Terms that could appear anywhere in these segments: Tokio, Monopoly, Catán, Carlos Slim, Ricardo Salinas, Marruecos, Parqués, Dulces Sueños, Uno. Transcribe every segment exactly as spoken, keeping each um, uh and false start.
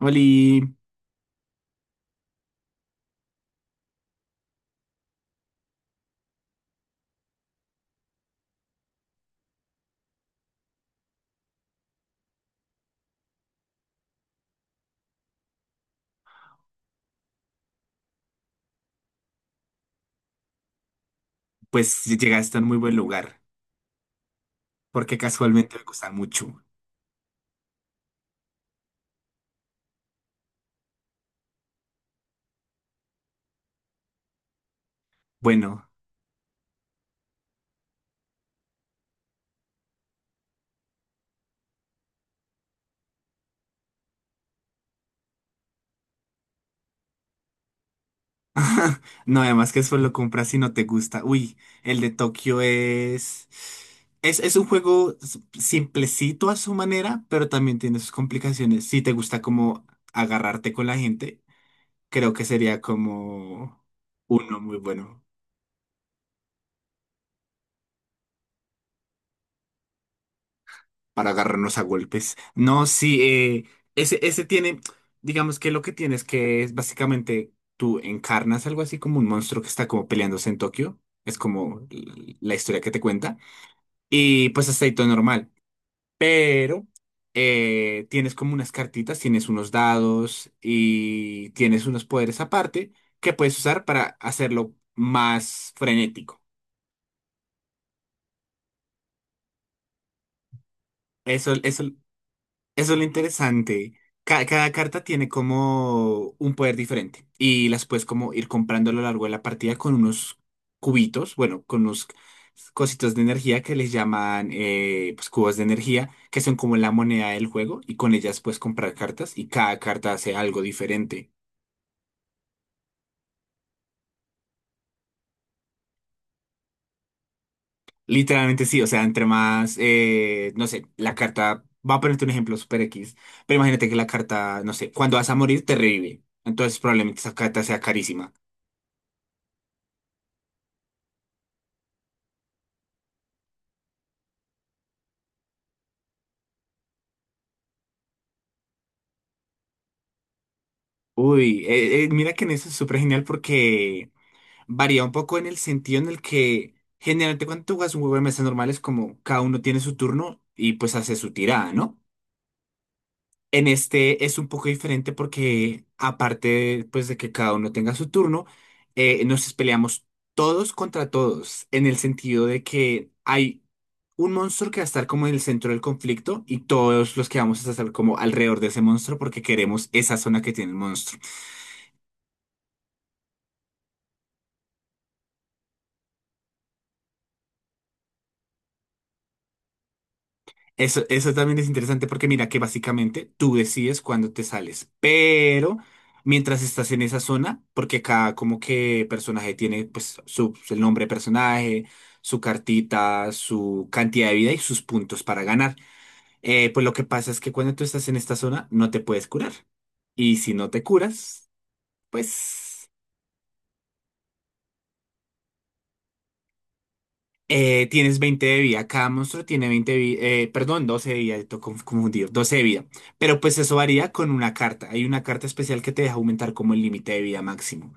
Oli, pues si llegaste a un muy buen lugar, porque casualmente me gusta mucho. Bueno, no, además que eso lo compras si no te gusta. Uy, el de Tokio es... Es, es un juego s- simplecito a su manera, pero también tiene sus complicaciones. Si te gusta como agarrarte con la gente, creo que sería como uno muy bueno para agarrarnos a golpes. No, sí, eh, ese, ese tiene, digamos que lo que tienes que es básicamente tú encarnas algo así como un monstruo que está como peleándose en Tokio. Es como l- la historia que te cuenta. Y pues hasta ahí todo normal. Pero eh, tienes como unas cartitas, tienes unos dados y tienes unos poderes aparte que puedes usar para hacerlo más frenético. Eso, eso Eso es lo interesante. Ca- cada carta tiene como un poder diferente y las puedes como ir comprando a lo largo de la partida con unos cubitos, bueno, con unos cositos de energía que les llaman eh, pues, cubos de energía, que son como la moneda del juego y con ellas puedes comprar cartas y cada carta hace algo diferente. Literalmente sí, o sea, entre más, eh, no sé, la carta, va a ponerte un ejemplo super X, pero imagínate que la carta, no sé, cuando vas a morir te revive, entonces probablemente esa carta sea carísima. Uy, eh, eh, mira que en eso es súper genial porque varía un poco en el sentido en el que generalmente cuando tú juegas un juego de mesa normal es como cada uno tiene su turno y pues hace su tirada, ¿no? En este es un poco diferente porque aparte pues de que cada uno tenga su turno, eh, nos peleamos todos contra todos en el sentido de que hay un monstruo que va a estar como en el centro del conflicto y todos los que vamos a estar como alrededor de ese monstruo porque queremos esa zona que tiene el monstruo. Eso, eso también es interesante porque mira que básicamente tú decides cuándo te sales, pero mientras estás en esa zona, porque cada como que personaje tiene pues su, el nombre de personaje, su cartita, su cantidad de vida y sus puntos para ganar. Eh, pues lo que pasa es que cuando tú estás en esta zona no te puedes curar y si no te curas, pues Eh, tienes veinte de vida. Cada monstruo tiene veinte de vida. Eh, perdón, doce de vida. Estoy conf- confundido. Doce de vida. Pero pues eso varía con una carta. Hay una carta especial que te deja aumentar como el límite de vida máximo.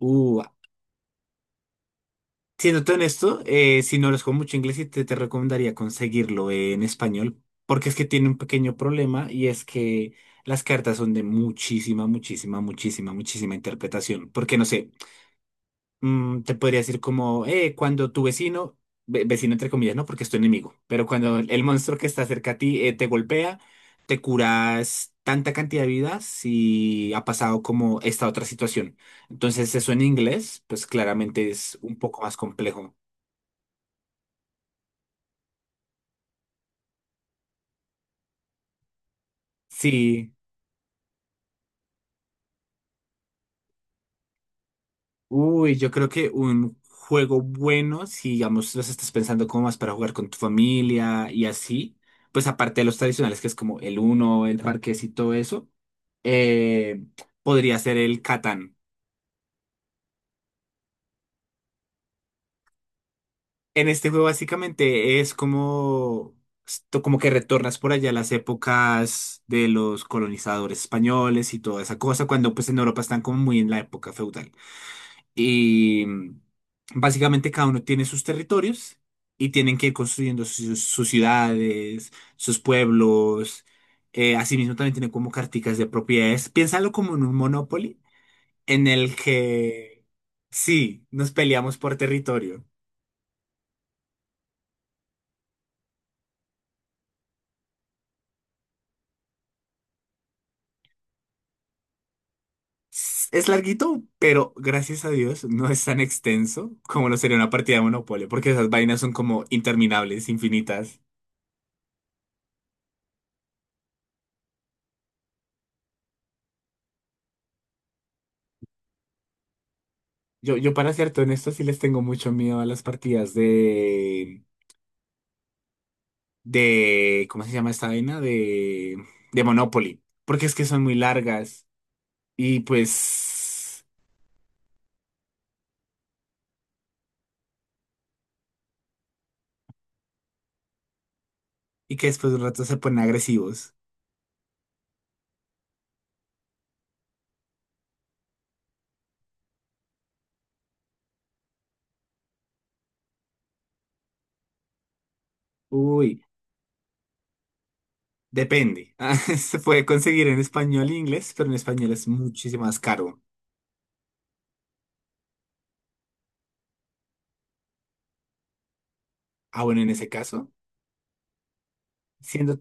Uh, siéndote honesto, eh, si no los con mucho inglés, sí te, te recomendaría conseguirlo en español. Porque es que tiene un pequeño problema y es que las cartas son de muchísima, muchísima, muchísima, muchísima interpretación. Porque no sé. mm, te podría decir como, eh, cuando tu vecino, ve- vecino entre comillas, ¿no? Porque es tu enemigo, pero cuando el monstruo que está cerca a ti eh, te golpea, te curas tanta cantidad de vidas si ha pasado como esta otra situación. Entonces eso en inglés, pues claramente es un poco más complejo. Sí. Uy, yo creo que un juego bueno, si digamos los estás pensando como más para jugar con tu familia y así, pues aparte de los tradicionales que es como el Uno, el Parqués y todo eso, eh, podría ser el Catán. En este juego básicamente es como, esto como que retornas por allá a las épocas de los colonizadores españoles y toda esa cosa, cuando pues en Europa están como muy en la época feudal. Y mm, básicamente cada uno tiene sus territorios y tienen que ir construyendo sus, sus ciudades, sus pueblos. Eh, asimismo también tienen como carticas de propiedades. Piénsalo como en un Monopoly en el que sí, nos peleamos por territorio. S- Es larguito, pero gracias a Dios no es tan extenso como lo sería una partida de Monopoly, porque esas vainas son como interminables, infinitas. Yo, yo para ser honesto, sí les tengo mucho miedo a las partidas de de, ¿cómo se llama esta vaina? De, de Monopoly, porque es que son muy largas y pues, y que después de un rato se ponen agresivos. Uy, depende. Ah, se puede conseguir en español e inglés, pero en español es muchísimo más caro. Ah, bueno, en ese caso, siendo,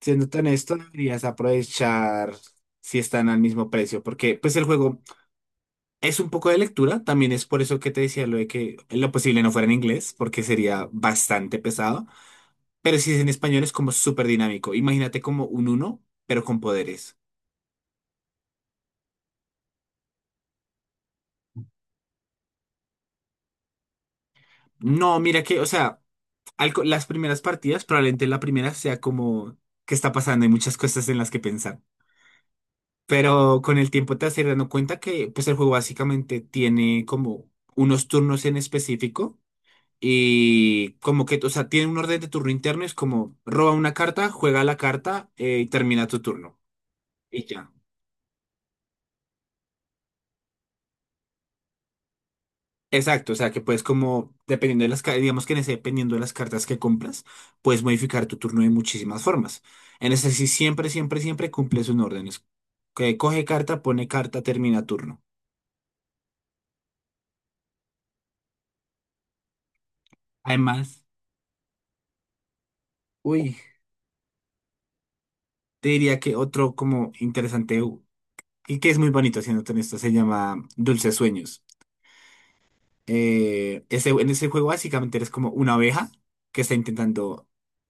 siendo tan honesto, deberías aprovechar si están al mismo precio, porque pues el juego es un poco de lectura, también es por eso que te decía lo de que en lo posible no fuera en inglés, porque sería bastante pesado. Pero si es en español es como súper dinámico. Imagínate como un uno, pero con poderes. No, mira que, o sea, al co- las primeras partidas, probablemente la primera sea como, ¿qué está pasando? Hay muchas cosas en las que pensar. Pero con el tiempo te vas a ir dando cuenta que pues el juego básicamente tiene como unos turnos en específico y como que, o sea, tiene un orden de turno interno, es como roba una carta, juega la carta eh, y termina tu turno. Y ya. Exacto, o sea que puedes como, dependiendo de las, ca- digamos que en ese, dependiendo de las cartas que compras, puedes modificar tu turno de muchísimas formas. En ese sí siempre, siempre, siempre cumples un orden. Es que coge carta, pone carta, termina turno. Además, uy, te diría que otro como interesante u- y que es muy bonito haciéndote en esto se llama Dulces Sueños. Eh, ese, en ese juego básicamente eres como una abeja que está intentando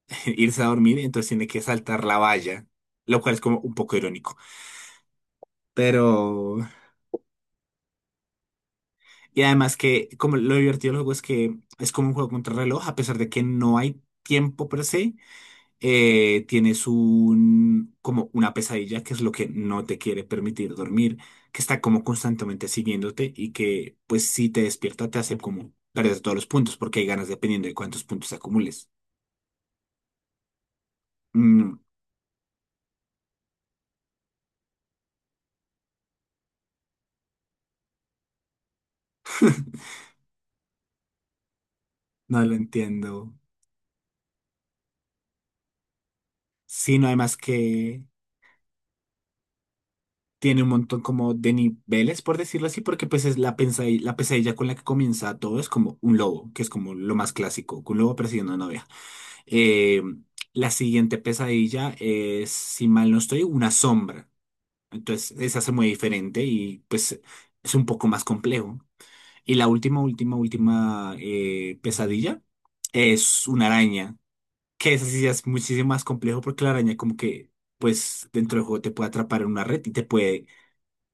irse a dormir, entonces tiene que saltar la valla, lo cual es como un poco irónico. Pero y además que como lo divertido del juego es que es como un juego contra reloj, a pesar de que no hay tiempo per se, eh, tienes un como una pesadilla que es lo que no te quiere permitir dormir, que está como constantemente siguiéndote y que pues si te despierta te hace como perder todos los puntos porque hay ganas dependiendo de cuántos puntos acumules. Mm, no lo entiendo. Sino además que tiene un montón como de niveles, por decirlo así, porque pues es la pesadilla, la pesadilla con la que comienza todo, es como un lobo, que es como lo más clásico, un lobo persiguiendo a una novia. Eh, la siguiente pesadilla es, si mal no estoy, una sombra. Entonces, esa se muy diferente y pues es un poco más complejo. Y la última, última, última eh, pesadilla es una araña, que esa sí ya es muchísimo más complejo porque la araña como que, pues dentro del juego te puede atrapar en una red y te puede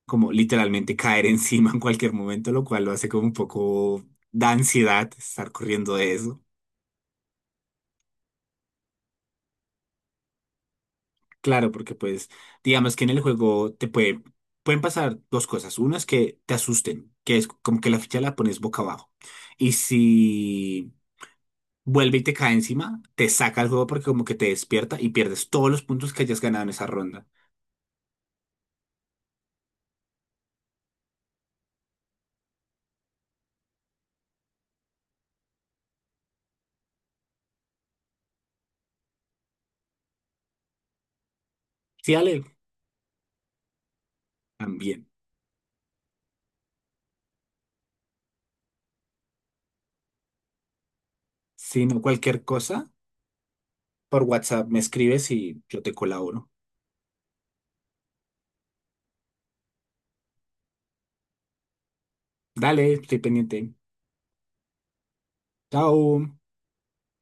como literalmente caer encima en cualquier momento, lo cual lo hace como un poco da ansiedad estar corriendo de eso. Claro, porque pues digamos que en el juego te puede, pueden pasar dos cosas. Una es que te asusten, que es como que la ficha la pones boca abajo. Y si vuelve y te cae encima, te saca el juego porque como que te despierta y pierdes todos los puntos que hayas ganado en esa ronda. Sí, Ale, también. Si no, cualquier cosa, por WhatsApp me escribes y yo te colaboro. Dale, estoy pendiente. Chao.